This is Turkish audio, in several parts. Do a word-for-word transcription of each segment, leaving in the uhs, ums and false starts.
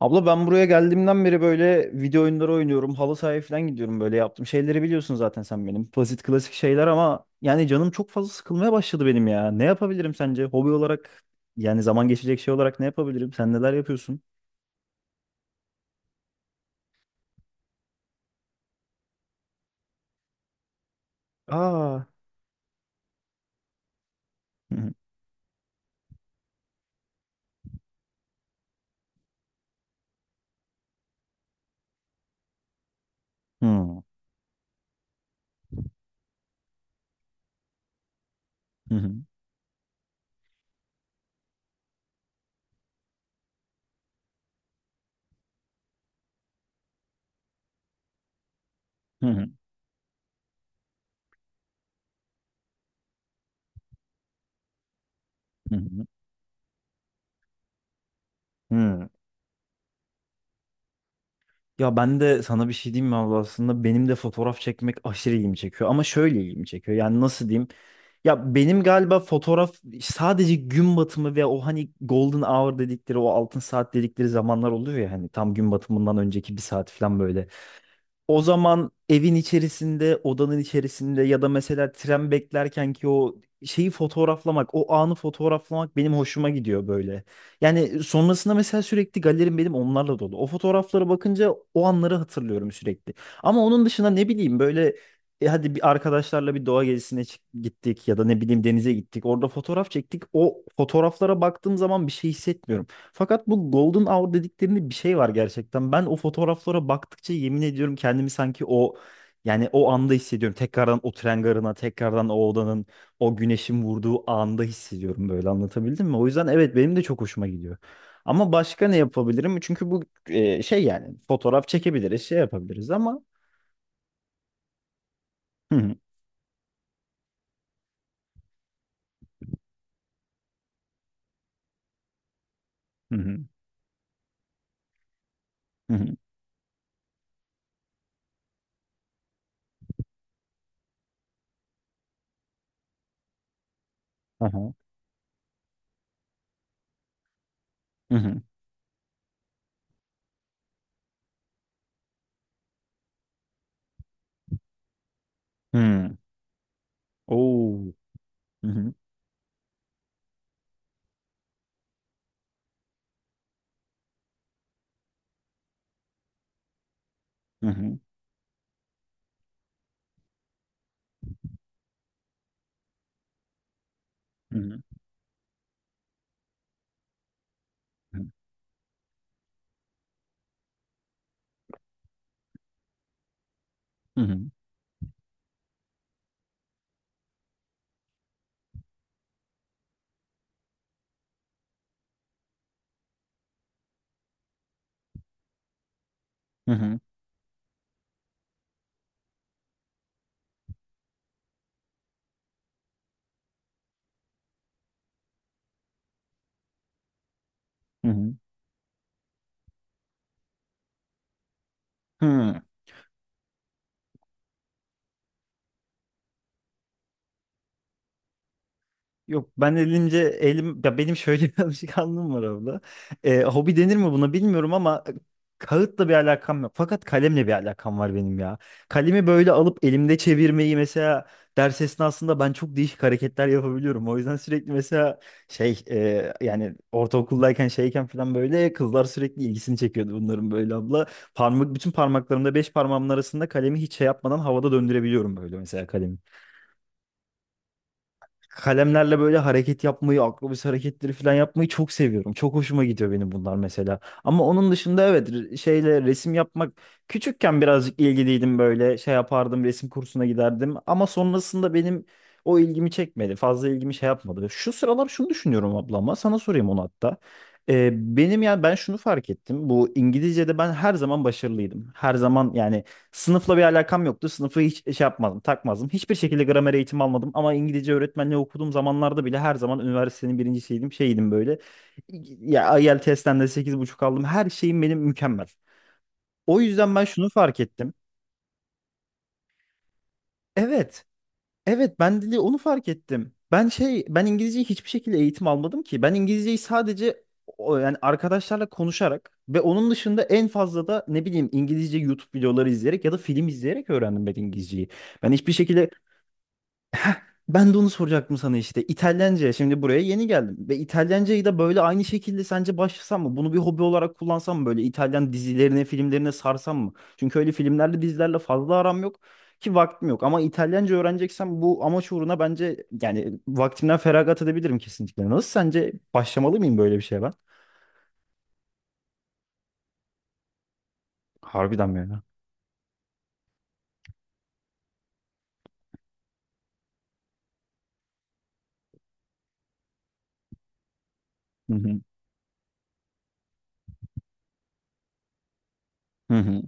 Abla ben buraya geldiğimden beri böyle video oyunları oynuyorum. Halı sahaya falan gidiyorum böyle yaptım. Şeyleri biliyorsun zaten sen benim. Basit klasik şeyler ama yani canım çok fazla sıkılmaya başladı benim ya. Ne yapabilirim sence? Hobi olarak yani zaman geçecek şey olarak ne yapabilirim? Sen neler yapıyorsun? Aa. Hı hı. Hı hı. Hı hı. Hı hı. Hı hı. Ya ben de sana bir şey diyeyim mi abla? Aslında benim de fotoğraf çekmek aşırı ilgimi çekiyor, ama şöyle ilgimi çekiyor, yani nasıl diyeyim, ya benim galiba fotoğraf sadece gün batımı ve o hani golden hour dedikleri, o altın saat dedikleri zamanlar oluyor ya, hani tam gün batımından önceki bir saat falan böyle. O zaman evin içerisinde, odanın içerisinde ya da mesela tren beklerken ki o şeyi fotoğraflamak, o anı fotoğraflamak benim hoşuma gidiyor böyle. Yani sonrasında mesela sürekli galerim benim onlarla dolu. O fotoğraflara bakınca o anları hatırlıyorum sürekli. Ama onun dışında ne bileyim böyle e, hadi bir arkadaşlarla bir doğa gezisine çık- gittik ya da ne bileyim denize gittik. Orada fotoğraf çektik. O fotoğraflara baktığım zaman bir şey hissetmiyorum. Fakat bu Golden Hour dediklerinde bir şey var gerçekten. Ben o fotoğraflara baktıkça yemin ediyorum, kendimi sanki o, yani o anda hissediyorum. Tekrardan o tren garına, tekrardan o odanın, o güneşin vurduğu anda hissediyorum böyle. Anlatabildim mi? O yüzden evet, benim de çok hoşuma gidiyor. Ama başka ne yapabilirim? Çünkü bu e, şey, yani fotoğraf çekebiliriz, şey yapabiliriz ama Hı hı hı hı hı hı aha, hı hı hı. Oo. Hı hı hı hı hı hı hı hı hı hı. Yok, ben elimce elim ya, benim şöyle bir alışkanlığım var abla. Ee, hobi denir mi buna bilmiyorum ama kağıtla bir alakam yok. Fakat kalemle bir alakam var benim ya. Kalemi böyle alıp elimde çevirmeyi mesela ders esnasında ben çok değişik hareketler yapabiliyorum. O yüzden sürekli mesela şey, e, yani ortaokuldayken şeyken falan böyle kızlar sürekli ilgisini çekiyordu bunların böyle abla. Parmak, bütün parmaklarımda, beş parmağımın arasında kalemi hiç şey yapmadan havada döndürebiliyorum böyle mesela kalemi. Kalemlerle böyle hareket yapmayı, akrobasi hareketleri falan yapmayı çok seviyorum. Çok hoşuma gidiyor benim bunlar mesela. Ama onun dışında evet, re- şeyle resim yapmak, küçükken birazcık ilgiliydim böyle, şey yapardım, resim kursuna giderdim. Ama sonrasında benim o ilgimi çekmedi. Fazla ilgimi şey yapmadı. Şu sıralar şunu düşünüyorum ablama, sana sorayım onu hatta. Ee, benim, yani ben şunu fark ettim. Bu İngilizce'de ben her zaman başarılıydım. Her zaman yani sınıfla bir alakam yoktu. Sınıfı hiç şey yapmadım, takmazdım. Hiçbir şekilde gramer eğitimi almadım ama İngilizce öğretmenliği okuduğum zamanlarda bile her zaman üniversitenin birincisiydim, şeydim böyle. Ya I E L T S'ten de sekiz buçuk aldım. Her şeyim benim mükemmel. O yüzden ben şunu fark ettim. Evet, evet, ben dili onu fark ettim. Ben şey, ben İngilizceyi hiçbir şekilde eğitim almadım ki. Ben İngilizceyi sadece o- yani arkadaşlarla konuşarak ve onun dışında en fazla da ne bileyim İngilizce YouTube videoları izleyerek ya da film izleyerek öğrendim ben İngilizceyi. Ben hiçbir şekilde ben de onu soracaktım sana işte. İtalyanca. Şimdi buraya yeni geldim. Ve İtalyancayı da böyle aynı şekilde sence başlasam mı? Bunu bir hobi olarak kullansam mı? Böyle İtalyan dizilerine, filmlerine sarsam mı? Çünkü öyle filmlerle, dizilerle fazla aram yok ki, vaktim yok. Ama İtalyanca öğreneceksem bu amaç uğruna, bence yani vaktimden feragat edebilirim kesinlikle. Nasıl, sence başlamalı mıyım böyle bir şeye ben? Harbiden mi ya? Hı hı. Hı hı.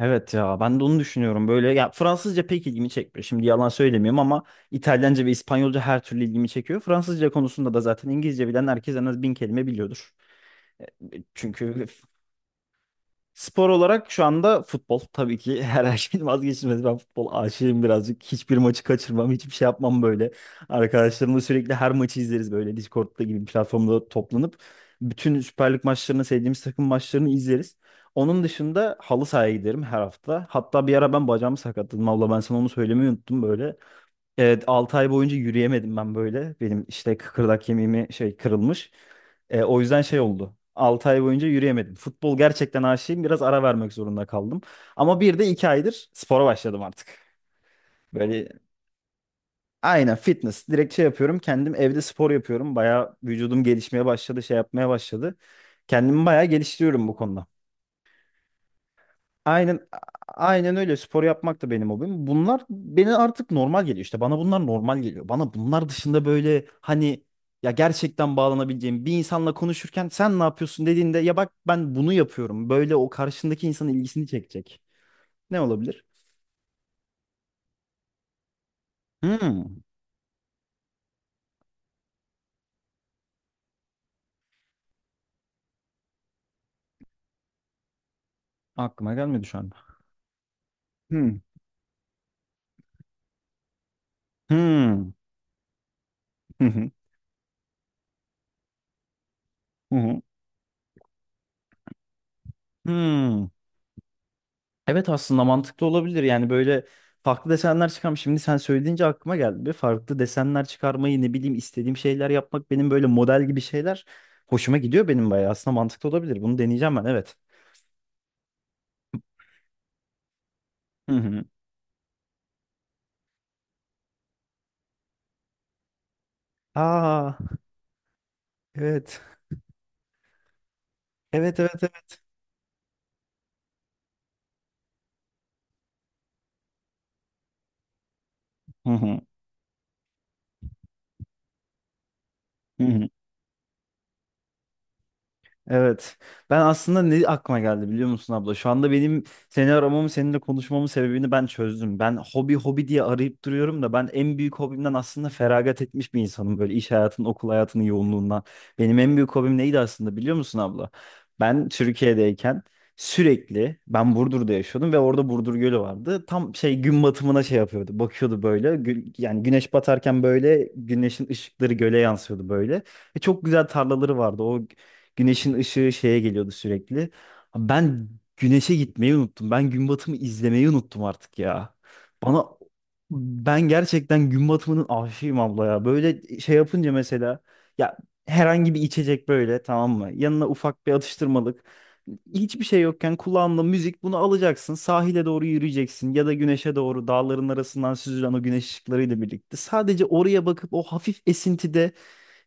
Evet ya, ben de onu düşünüyorum. Böyle ya, Fransızca pek ilgimi çekmiyor. Şimdi yalan söylemiyorum ama İtalyanca ve İspanyolca her türlü ilgimi çekiyor. Fransızca konusunda da zaten İngilizce bilen herkes en az bin kelime biliyordur. E, Çünkü spor olarak şu anda futbol tabii ki her şeyin vazgeçilmezi. Ben futbol aşığım birazcık. Hiçbir maçı kaçırmam, hiçbir şey yapmam böyle. Arkadaşlarımla sürekli her maçı izleriz böyle Discord'da gibi bir platformda toplanıp. Bütün Süper Lig maçlarını, sevdiğimiz takım maçlarını izleriz. Onun dışında halı sahaya giderim her hafta. Hatta bir ara ben bacağımı sakatladım abla, ben sana onu söylemeyi unuttum böyle. Evet, altı ay boyunca yürüyemedim ben böyle. Benim işte kıkırdak kemiğimi şey, kırılmış. E, o yüzden şey oldu. altı ay boyunca yürüyemedim. Futbol gerçekten aşığım. Biraz ara vermek zorunda kaldım. Ama bir de iki aydır spora başladım artık. Böyle aynen fitness. Direkt şey yapıyorum. Kendim evde spor yapıyorum. Bayağı vücudum gelişmeye başladı, şey yapmaya başladı. Kendimi bayağı geliştiriyorum bu konuda. Aynen aynen öyle, spor yapmak da benim hobim. Bunlar beni artık normal geliyor. İşte bana bunlar normal geliyor. Bana bunlar dışında böyle hani, ya gerçekten bağlanabileceğim bir insanla konuşurken sen ne yapıyorsun dediğinde, ya bak ben bunu yapıyorum. Böyle o karşındaki insanın ilgisini çekecek. Ne olabilir? Hmm, Aklıma gelmedi şu an. Hmm. Hmm. Hı hı. Hı hı. Hmm. Evet, aslında mantıklı olabilir. Yani böyle farklı desenler çıkarmış. Şimdi sen söyleyince aklıma geldi. Bir farklı desenler çıkarmayı, ne bileyim istediğim şeyler yapmak benim, böyle model gibi şeyler hoşuma gidiyor benim bayağı. Aslında mantıklı olabilir. Bunu deneyeceğim ben, evet. Hı hı. Aa, evet. Evet, evet, evet. Hı hı. Hı hı. Evet. Ben aslında ne aklıma geldi biliyor musun abla? Şu anda benim seni aramamın, seninle konuşmamın sebebini ben çözdüm. Ben hobi hobi diye arayıp duruyorum da ben en büyük hobimden aslında feragat etmiş bir insanım. Böyle iş hayatının, okul hayatının yoğunluğundan. Benim en büyük hobim neydi aslında biliyor musun abla? Ben Türkiye'deyken sürekli ben Burdur'da yaşıyordum ve orada Burdur Gölü vardı. Tam şey, gün batımına şey yapıyordu. Bakıyordu böyle. Gü- yani güneş batarken böyle güneşin ışıkları göle yansıyordu böyle. Ve çok güzel tarlaları vardı. O güneşin ışığı şeye geliyordu sürekli. Ben güneşe gitmeyi unuttum. Ben gün batımı izlemeyi unuttum artık ya. Bana, ben gerçekten gün batımının aşığıyım abla ya. Böyle şey yapınca mesela, ya, herhangi bir içecek, böyle, tamam mı? Yanına ufak bir atıştırmalık. Hiçbir şey yokken kulağında müzik, bunu alacaksın. Sahile doğru yürüyeceksin ya da güneşe doğru dağların arasından süzülen o güneş ışıklarıyla birlikte. Sadece oraya bakıp o hafif esintide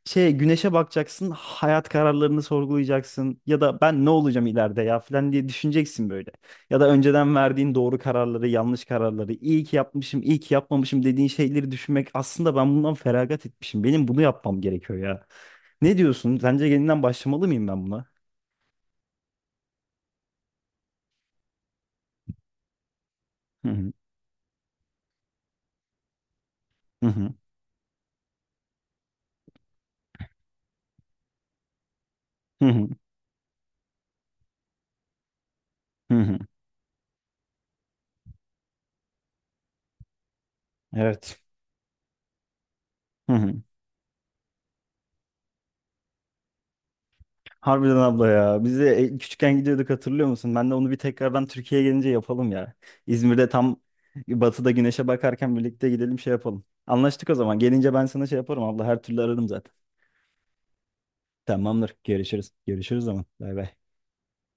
şey, güneşe bakacaksın, hayat kararlarını sorgulayacaksın ya da ben ne olacağım ileride ya falan diye düşüneceksin böyle. Ya da önceden verdiğin doğru kararları, yanlış kararları, iyi ki yapmışım, iyi ki yapmamışım dediğin şeyleri düşünmek, aslında ben bundan feragat etmişim. Benim bunu yapmam gerekiyor ya. Ne diyorsun? Sence yeniden başlamalı mıyım ben buna? Hı hı. Hı hı. Hı hı. Evet. Hı hı. Evet. Harbiden abla ya. Biz de e, küçükken gidiyorduk hatırlıyor musun? Ben de onu bir tekrardan Türkiye'ye gelince yapalım ya. İzmir'de tam batıda güneşe bakarken birlikte gidelim, şey yapalım. Anlaştık o zaman. Gelince ben sana şey yaparım abla. Her türlü ararım zaten. Tamamdır. Görüşürüz. Görüşürüz o zaman. Bay bay.